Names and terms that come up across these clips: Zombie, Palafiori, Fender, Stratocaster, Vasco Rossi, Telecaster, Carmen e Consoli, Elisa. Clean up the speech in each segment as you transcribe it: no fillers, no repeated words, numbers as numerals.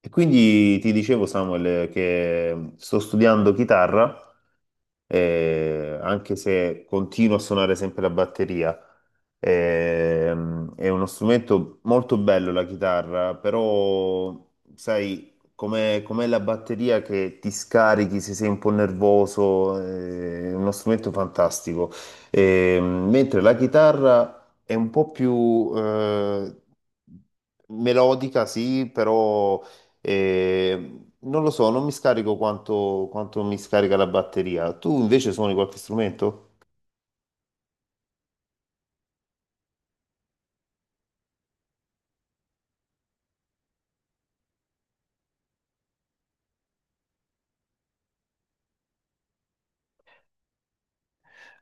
E quindi ti dicevo, Samuel, che sto studiando chitarra, anche se continuo a suonare sempre la batteria. È uno strumento molto bello la chitarra, però sai, com'è la batteria che ti scarichi se sei un po' nervoso, è uno strumento fantastico. Mentre la chitarra è un po' più, melodica, sì, però e non lo so, non mi scarico quanto mi scarica la batteria. Tu invece suoni qualche strumento?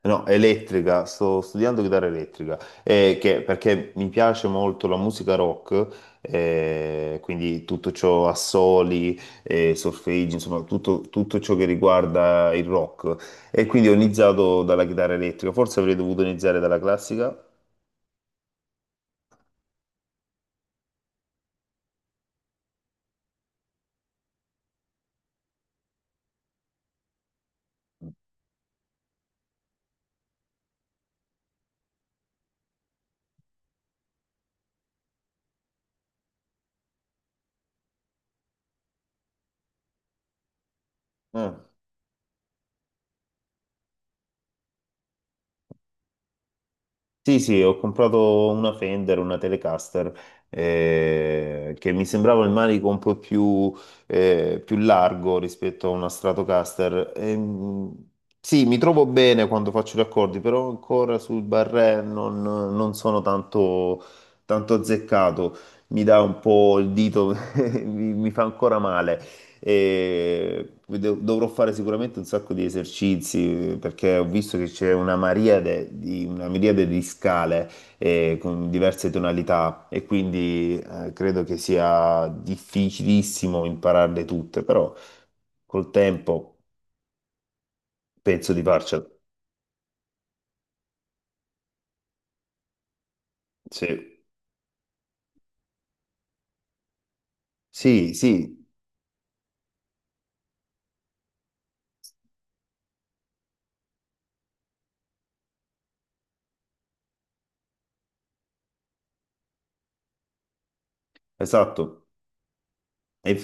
No, elettrica, sto studiando chitarra elettrica, perché mi piace molto la musica rock, quindi tutto ciò assoli, solfeggi, insomma tutto ciò che riguarda il rock. E quindi ho iniziato dalla chitarra elettrica, forse avrei dovuto iniziare dalla classica. Eh. Sì, sì, ho comprato una Fender, una Telecaster, che mi sembrava il manico un po' più, più largo rispetto a una Stratocaster. Sì, mi trovo bene quando faccio gli accordi, però ancora sul barré non sono tanto azzeccato. Mi dà un po' il dito, mi fa ancora male. Dovrò fare sicuramente un sacco di esercizi perché ho visto che c'è una miriade di scale con diverse tonalità e quindi credo che sia difficilissimo impararle tutte, però col tempo penso di farcela. Sì, sì, sì, esatto. E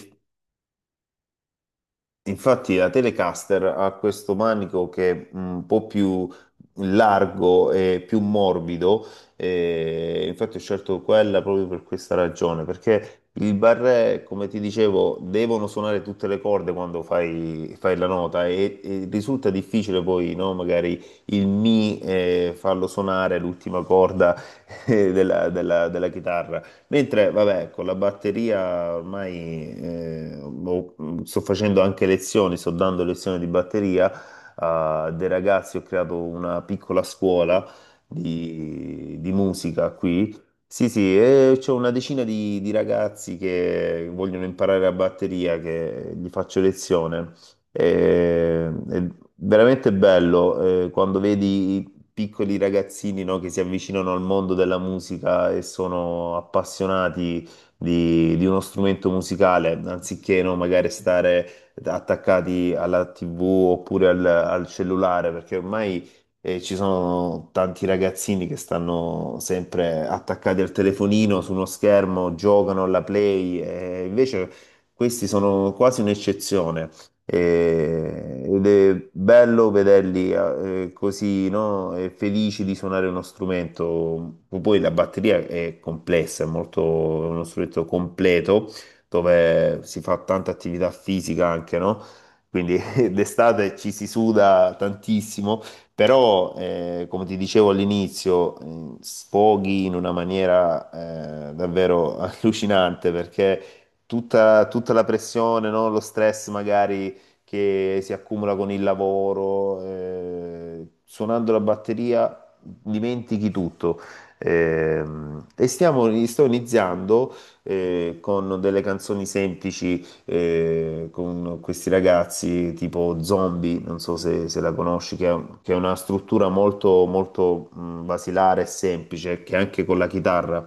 infatti la Telecaster ha questo manico che è un po' più largo e più morbido, e infatti ho scelto quella proprio per questa ragione, perché il barré, come ti dicevo, devono suonare tutte le corde quando fai la nota e risulta difficile poi, no? Magari il mi farlo suonare l'ultima corda della chitarra. Mentre, vabbè, con la batteria ormai boh, sto facendo anche lezioni, sto dando lezioni di batteria a dei ragazzi, ho creato una piccola scuola di musica qui. Sì, sì, e c'ho una decina di ragazzi che vogliono imparare la batteria, che gli faccio lezione. È veramente bello quando vedi piccoli ragazzini, no, che si avvicinano al mondo della musica e sono appassionati di uno strumento musicale, anziché, no, magari stare attaccati alla TV oppure al cellulare, perché ormai ci sono tanti ragazzini che stanno sempre attaccati al telefonino, su uno schermo, giocano alla Play, e invece questi sono quasi un'eccezione. E- ed è bello vederli così, no? E felici di suonare uno strumento. Poi la batteria è complessa, è molto, è uno strumento completo dove si fa tanta attività fisica anche, no? Quindi d'estate ci si suda tantissimo, però come ti dicevo all'inizio, sfoghi in una maniera davvero allucinante perché tutta la pressione, no? Lo stress magari che si accumula con il lavoro, suonando la batteria dimentichi tutto. Sto iniziando con delle canzoni semplici con questi ragazzi tipo Zombie, non so se la conosci, che è una struttura molto, molto basilare e semplice, che anche con la chitarra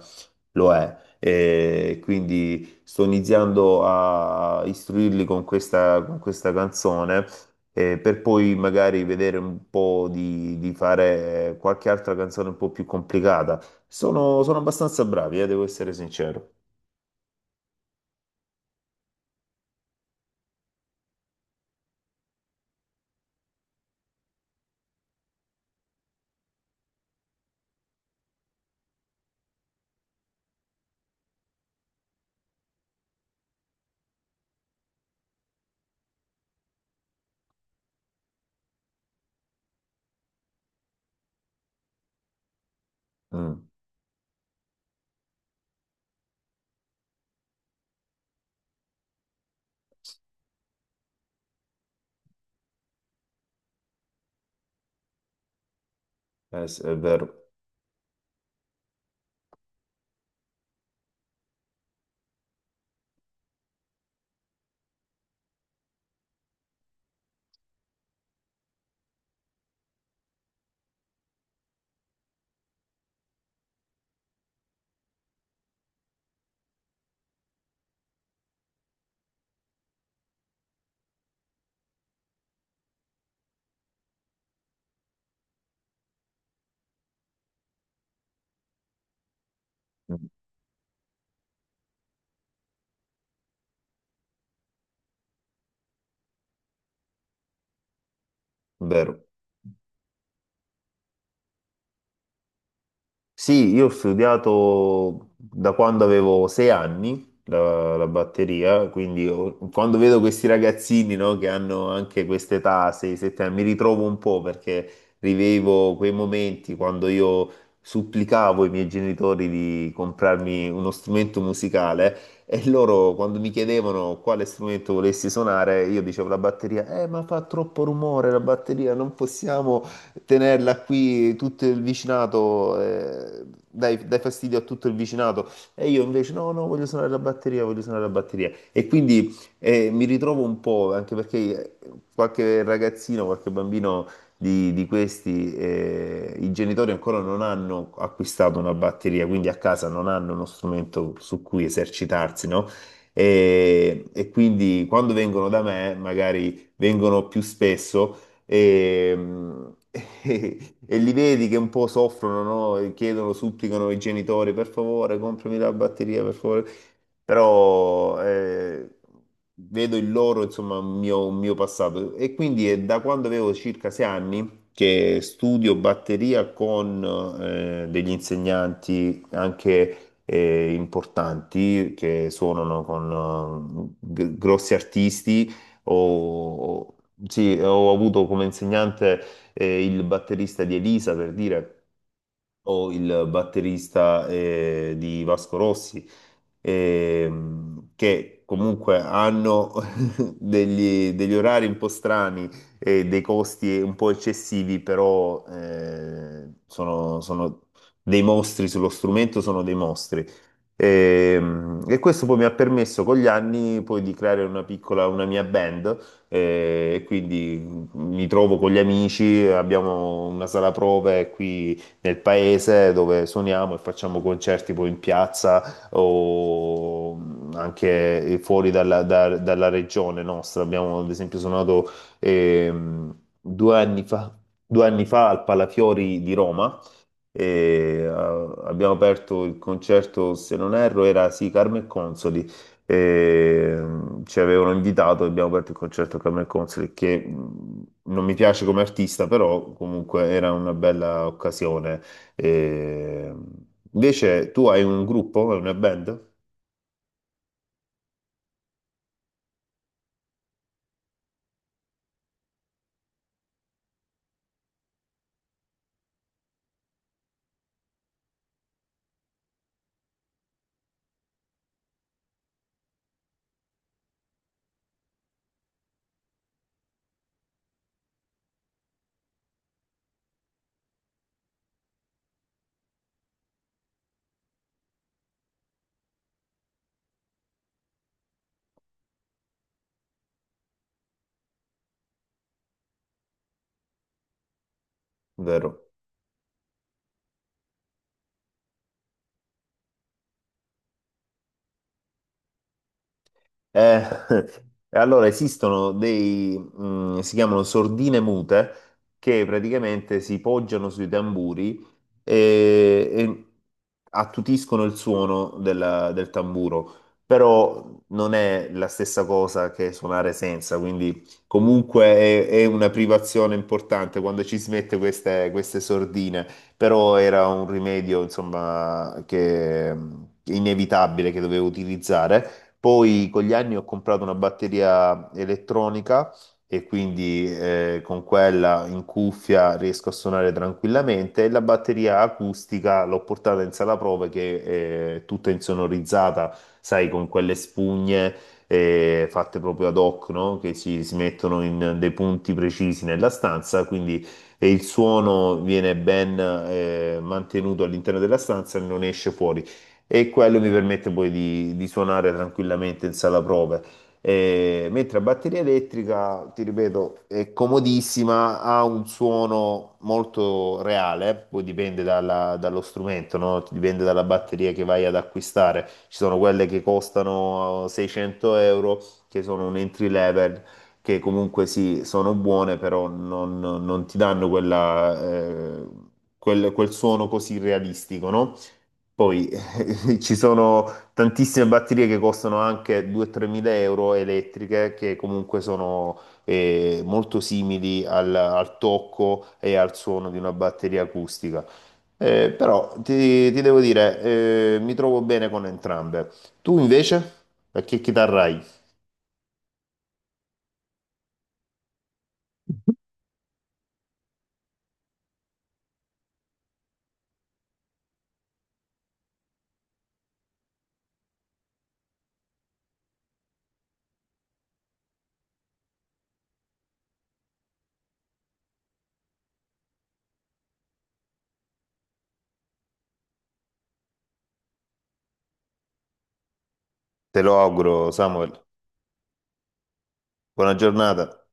lo è, e quindi sto iniziando a istruirli con con questa canzone per poi magari vedere un po' di fare qualche altra canzone un po' più complicata. Sono abbastanza bravi, devo essere sincero. Mm, sì, è vero. Mm, è vero. Sì, io ho studiato da quando avevo 6 anni la batteria, quando vedo questi ragazzini, no, che hanno anche quest'età, 6-7 anni, mi ritrovo un po' perché rivevo quei momenti quando io supplicavo i miei genitori di comprarmi uno strumento musicale e loro quando mi chiedevano quale strumento volessi suonare, io dicevo la batteria, ma fa troppo rumore la batteria, non possiamo tenerla qui tutto il vicinato, dai, dai fastidio a tutto il vicinato. E io invece no, no, voglio suonare la batteria, voglio suonare la batteria. E quindi mi ritrovo un po', anche perché qualche ragazzino, qualche bambino di questi, i genitori ancora non hanno acquistato una batteria, quindi a casa non hanno uno strumento su cui esercitarsi, no? E quindi quando vengono da me, magari vengono più spesso e, e li vedi che un po' soffrono, no? E chiedono, supplicano i genitori, per favore, comprami la batteria, per favore. Però vedo il loro, insomma, un mio passato. E quindi è da quando avevo circa 6 anni che studio batteria con degli insegnanti anche importanti che suonano con grossi artisti o, sì, ho avuto come insegnante il batterista di Elisa per dire o il batterista di Vasco Rossi, che comunque hanno degli orari un po' strani e dei costi un po' eccessivi, però sono dei mostri sullo strumento, sono dei mostri. Questo poi mi ha permesso con gli anni poi di creare una piccola, una mia band e quindi mi trovo con gli amici, abbiamo una sala prove qui nel paese dove suoniamo e facciamo concerti poi in piazza o anche fuori dalla regione nostra. Abbiamo ad esempio suonato ehm, due anni fa, 2 anni fa al Palafiori di Roma e abbiamo aperto il concerto, se non erro, era sì, Carmen e Consoli. E, ci avevano invitato e abbiamo aperto il concerto a Carmen e Consoli, che non mi piace come artista, però comunque era una bella occasione. E, invece tu hai un gruppo, hai una band, vero? Eh, e allora esistono si chiamano sordine mute, che praticamente si poggiano sui tamburi e attutiscono il suono del tamburo, però non è la stessa cosa che suonare senza, quindi comunque è una privazione importante quando ci si mette queste sordine, però era un rimedio, insomma, che inevitabile che dovevo utilizzare poi con gli anni ho comprato una batteria elettronica e quindi con quella in cuffia riesco a suonare tranquillamente e la batteria acustica l'ho portata in sala prove che è tutta insonorizzata, sai, con quelle spugne fatte proprio ad hoc, no? Che si mettono in dei punti precisi nella stanza, quindi e il suono viene ben mantenuto all'interno della stanza e non esce fuori e quello mi permette poi di suonare tranquillamente in sala prove. Mentre la batteria elettrica, ti ripeto, è comodissima, ha un suono molto reale, poi dipende dallo strumento, no? Dipende dalla batteria che vai ad acquistare. Ci sono quelle che costano 600 euro, che sono un entry level, che comunque sì, sono buone, però non ti danno quella, quel suono così realistico, no? Poi ci sono tantissime batterie che costano anche 2-3 mila euro elettriche che comunque sono molto simili al tocco e al suono di una batteria acustica. Però ti devo dire, mi trovo bene con entrambe. Tu invece? A che chitarra hai? Te lo auguro, Samuel. Buona giornata.